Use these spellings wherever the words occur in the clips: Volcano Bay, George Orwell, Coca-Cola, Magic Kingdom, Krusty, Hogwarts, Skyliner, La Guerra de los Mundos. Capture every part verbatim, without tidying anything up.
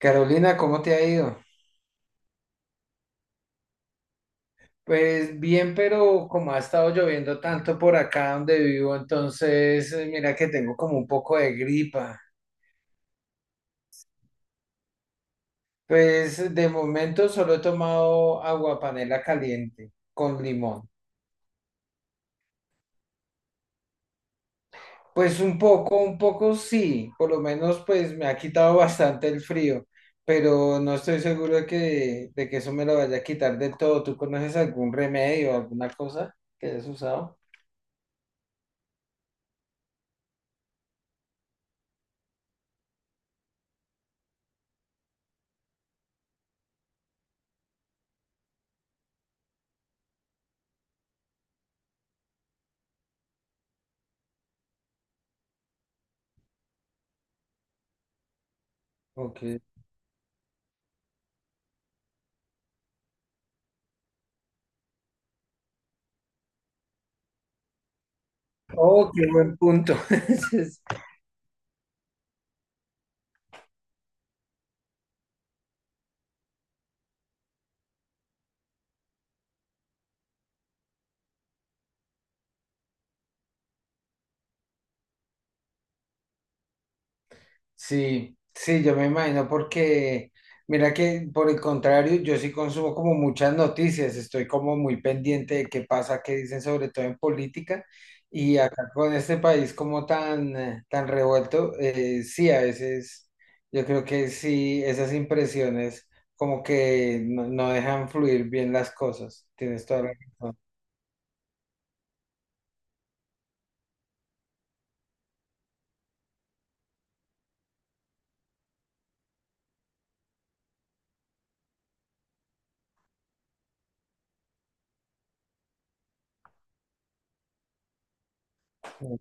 Carolina, ¿cómo te ha ido? Pues bien, pero como ha estado lloviendo tanto por acá donde vivo, entonces eh, mira que tengo como un poco de gripa. Pues de momento solo he tomado agua panela caliente con limón. Pues un poco, un poco sí, por lo menos pues me ha quitado bastante el frío, pero no estoy seguro de que, de que eso me lo vaya a quitar del todo. ¿Tú conoces algún remedio, alguna cosa que hayas usado? Ok. Oh, qué buen punto. Sí, sí, yo me imagino porque, mira que por el contrario, yo sí consumo como muchas noticias, estoy como muy pendiente de qué pasa, qué dicen, sobre todo en política, y acá con este país como tan, eh, tan revuelto, eh, sí, a veces yo creo que sí, esas impresiones como que no, no dejan fluir bien las cosas, tienes toda la razón.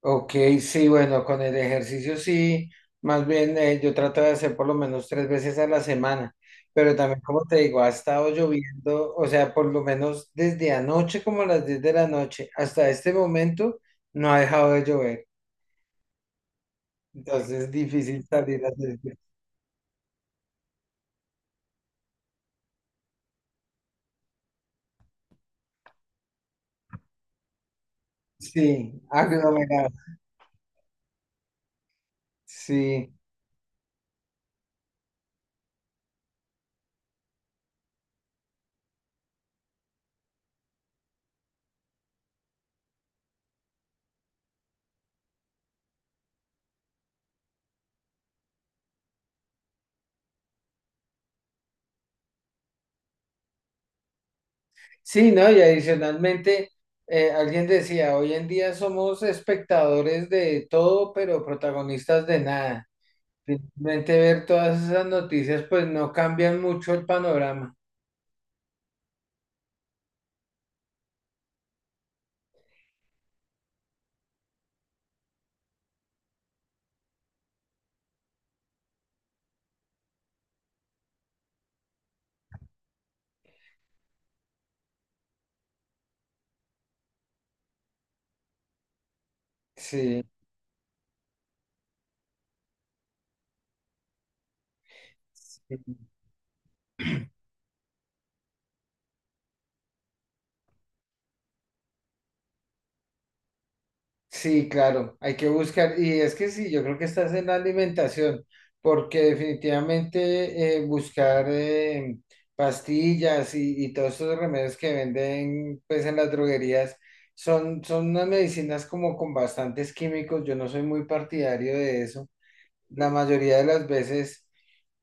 Ok, sí, bueno, con el ejercicio sí, más bien eh, yo trato de hacer por lo menos tres veces a la semana, pero también como te digo, ha estado lloviendo, o sea, por lo menos desde anoche como a las diez de la noche hasta este momento no ha dejado de llover, entonces es difícil salir a hacer ejercicio. Sí, aglomerado, sí, sí, ¿no? Y adicionalmente, eh, alguien decía, hoy en día somos espectadores de todo, pero protagonistas de nada. Simplemente ver todas esas noticias, pues no cambian mucho el panorama. Sí, sí, sí, claro, hay que buscar. Y es que sí, yo creo que estás en la alimentación, porque definitivamente eh, buscar eh, pastillas y, y todos estos remedios que venden pues en las droguerías son, son unas medicinas como con bastantes químicos. Yo no soy muy partidario de eso. La mayoría de las veces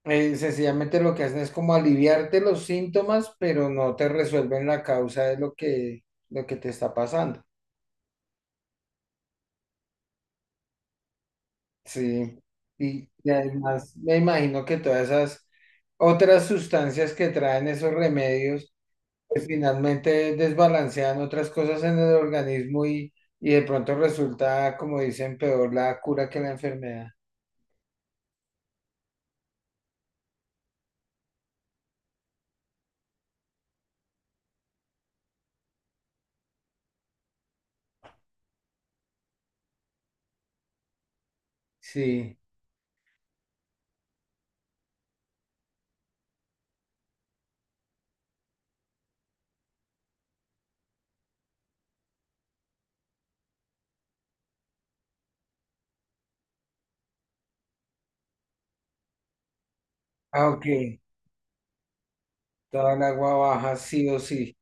Eh, sencillamente lo que hacen es como aliviarte los síntomas, pero no te resuelven la causa de lo que, lo que te está pasando. Sí. Y, y además me imagino que todas esas otras sustancias que traen esos remedios, pues finalmente desbalancean otras cosas en el organismo y, y de pronto resulta, como dicen, peor la cura que la enfermedad. Sí. Ah, ok. Toda el agua baja, sí o sí.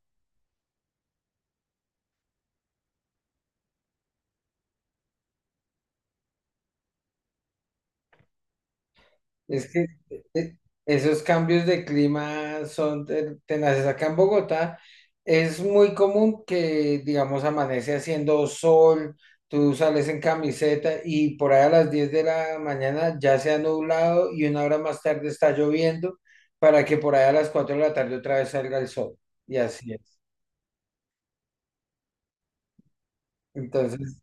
Es que eh, esos cambios de clima son te- tenaces. Acá en Bogotá es muy común que, digamos, amanece haciendo sol, tú sales en camiseta y por ahí a las diez de la mañana ya se ha nublado y una hora más tarde está lloviendo para que por ahí a las cuatro de la tarde otra vez salga el sol. Y así es. Entonces,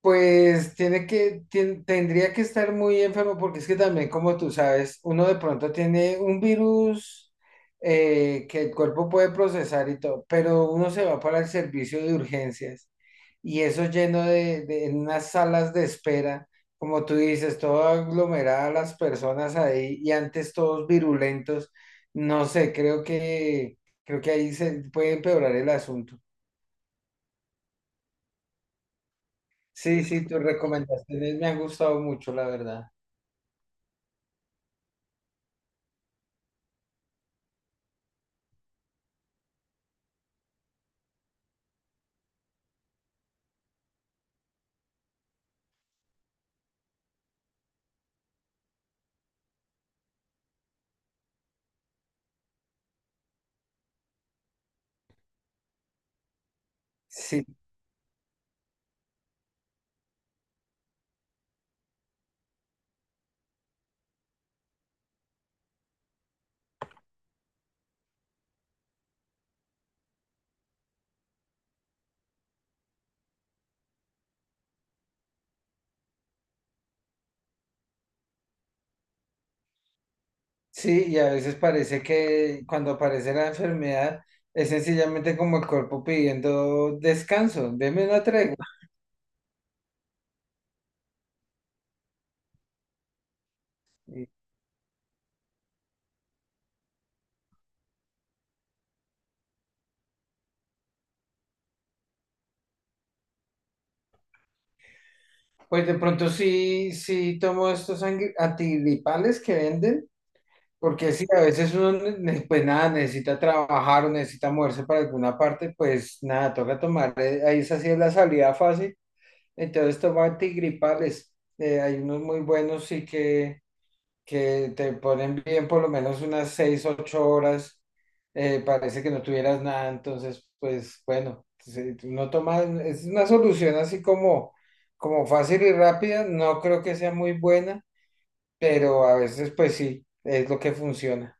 pues tiene que, tien- tendría que estar muy enfermo porque es que también, como tú sabes, uno de pronto tiene un virus eh, que el cuerpo puede procesar y todo, pero uno se va para el servicio de urgencias y eso lleno de, de en unas salas de espera, como tú dices, todo aglomerada las personas ahí y antes todos virulentos, no sé, creo que, creo que ahí se puede empeorar el asunto. Sí, sí, tus recomendaciones me han gustado mucho, la verdad. Sí, sí, y a veces parece que cuando aparece la enfermedad es sencillamente como el cuerpo pidiendo descanso, deme una tregua. Y, Pues de pronto sí, sí tomo estos angri- antigripales que venden, porque sí, a veces uno, ne- ne- pues nada, necesita trabajar o necesita moverse para alguna parte, pues nada, toca tomar, eh, ahí esa sí es la salida fácil, entonces tomo antigripales, eh, hay unos muy buenos sí que que te ponen bien por lo menos unas seis, ocho horas, eh, parece que no tuvieras nada, entonces, pues bueno, si no tomas, es una solución así como, como fácil y rápida, no creo que sea muy buena, pero a veces pues sí, es lo que funciona.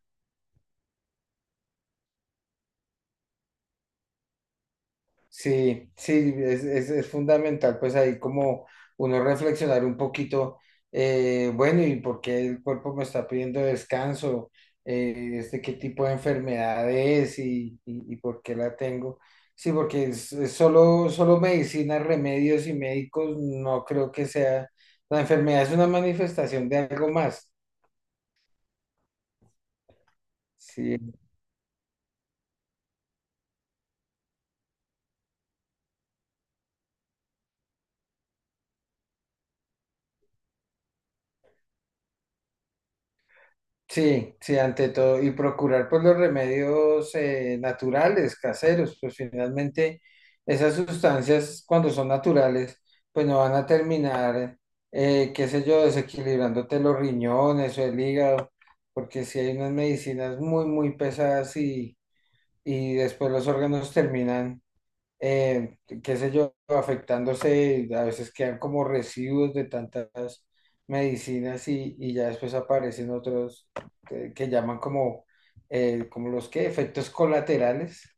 Sí, sí, es, es, es fundamental, pues ahí como uno reflexionar un poquito, eh, bueno, ¿y por qué el cuerpo me está pidiendo descanso? Eh, este, ¿qué tipo de enfermedad es y, y, y por qué la tengo? Sí, porque es, es solo, solo medicina, remedios y médicos, no creo que sea, la enfermedad es una manifestación de algo más. Sí, sí, sí, ante todo, y procurar pues los remedios eh, naturales, caseros, pues finalmente esas sustancias cuando son naturales, pues no van a terminar, eh, qué sé yo, desequilibrándote los riñones o el hígado, porque si hay unas medicinas muy, muy pesadas y, y después los órganos terminan eh, qué sé yo, afectándose, a veces quedan como residuos de tantas medicinas y, y ya después aparecen otros que, que llaman como, eh, como los que, efectos colaterales.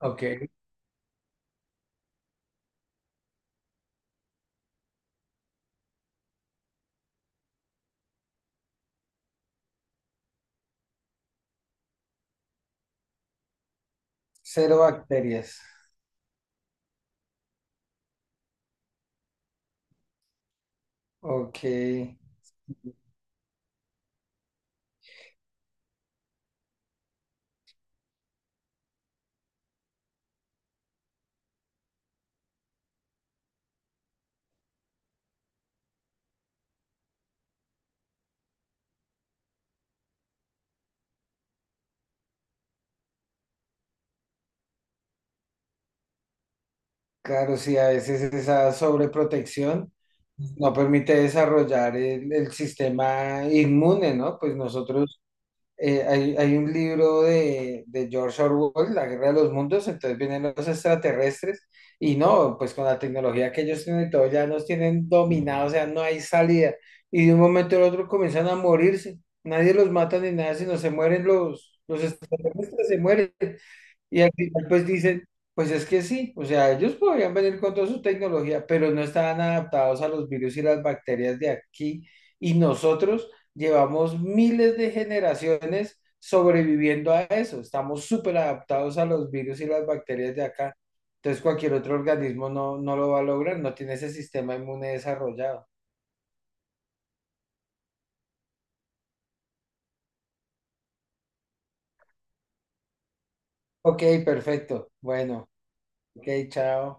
Ok. Cero bacterias. Ok, claro, sí, a veces esa sobreprotección no permite desarrollar el, el sistema inmune, ¿no? Pues nosotros eh, hay, hay un libro de, de George Orwell, La Guerra de los Mundos, entonces vienen los extraterrestres y no, pues con la tecnología que ellos tienen y todo, ya nos tienen dominados, o sea, no hay salida. Y de un momento al otro comienzan a morirse. Nadie los mata ni nada, sino se mueren los, los extraterrestres, se mueren. Y al final pues dicen, pues es que sí, o sea, ellos podrían venir con toda su tecnología, pero no estaban adaptados a los virus y las bacterias de aquí. Y nosotros llevamos miles de generaciones sobreviviendo a eso. Estamos súper adaptados a los virus y las bacterias de acá. Entonces cualquier otro organismo no, no lo va a lograr, no tiene ese sistema inmune desarrollado. Ok, perfecto. Bueno, ok, chao.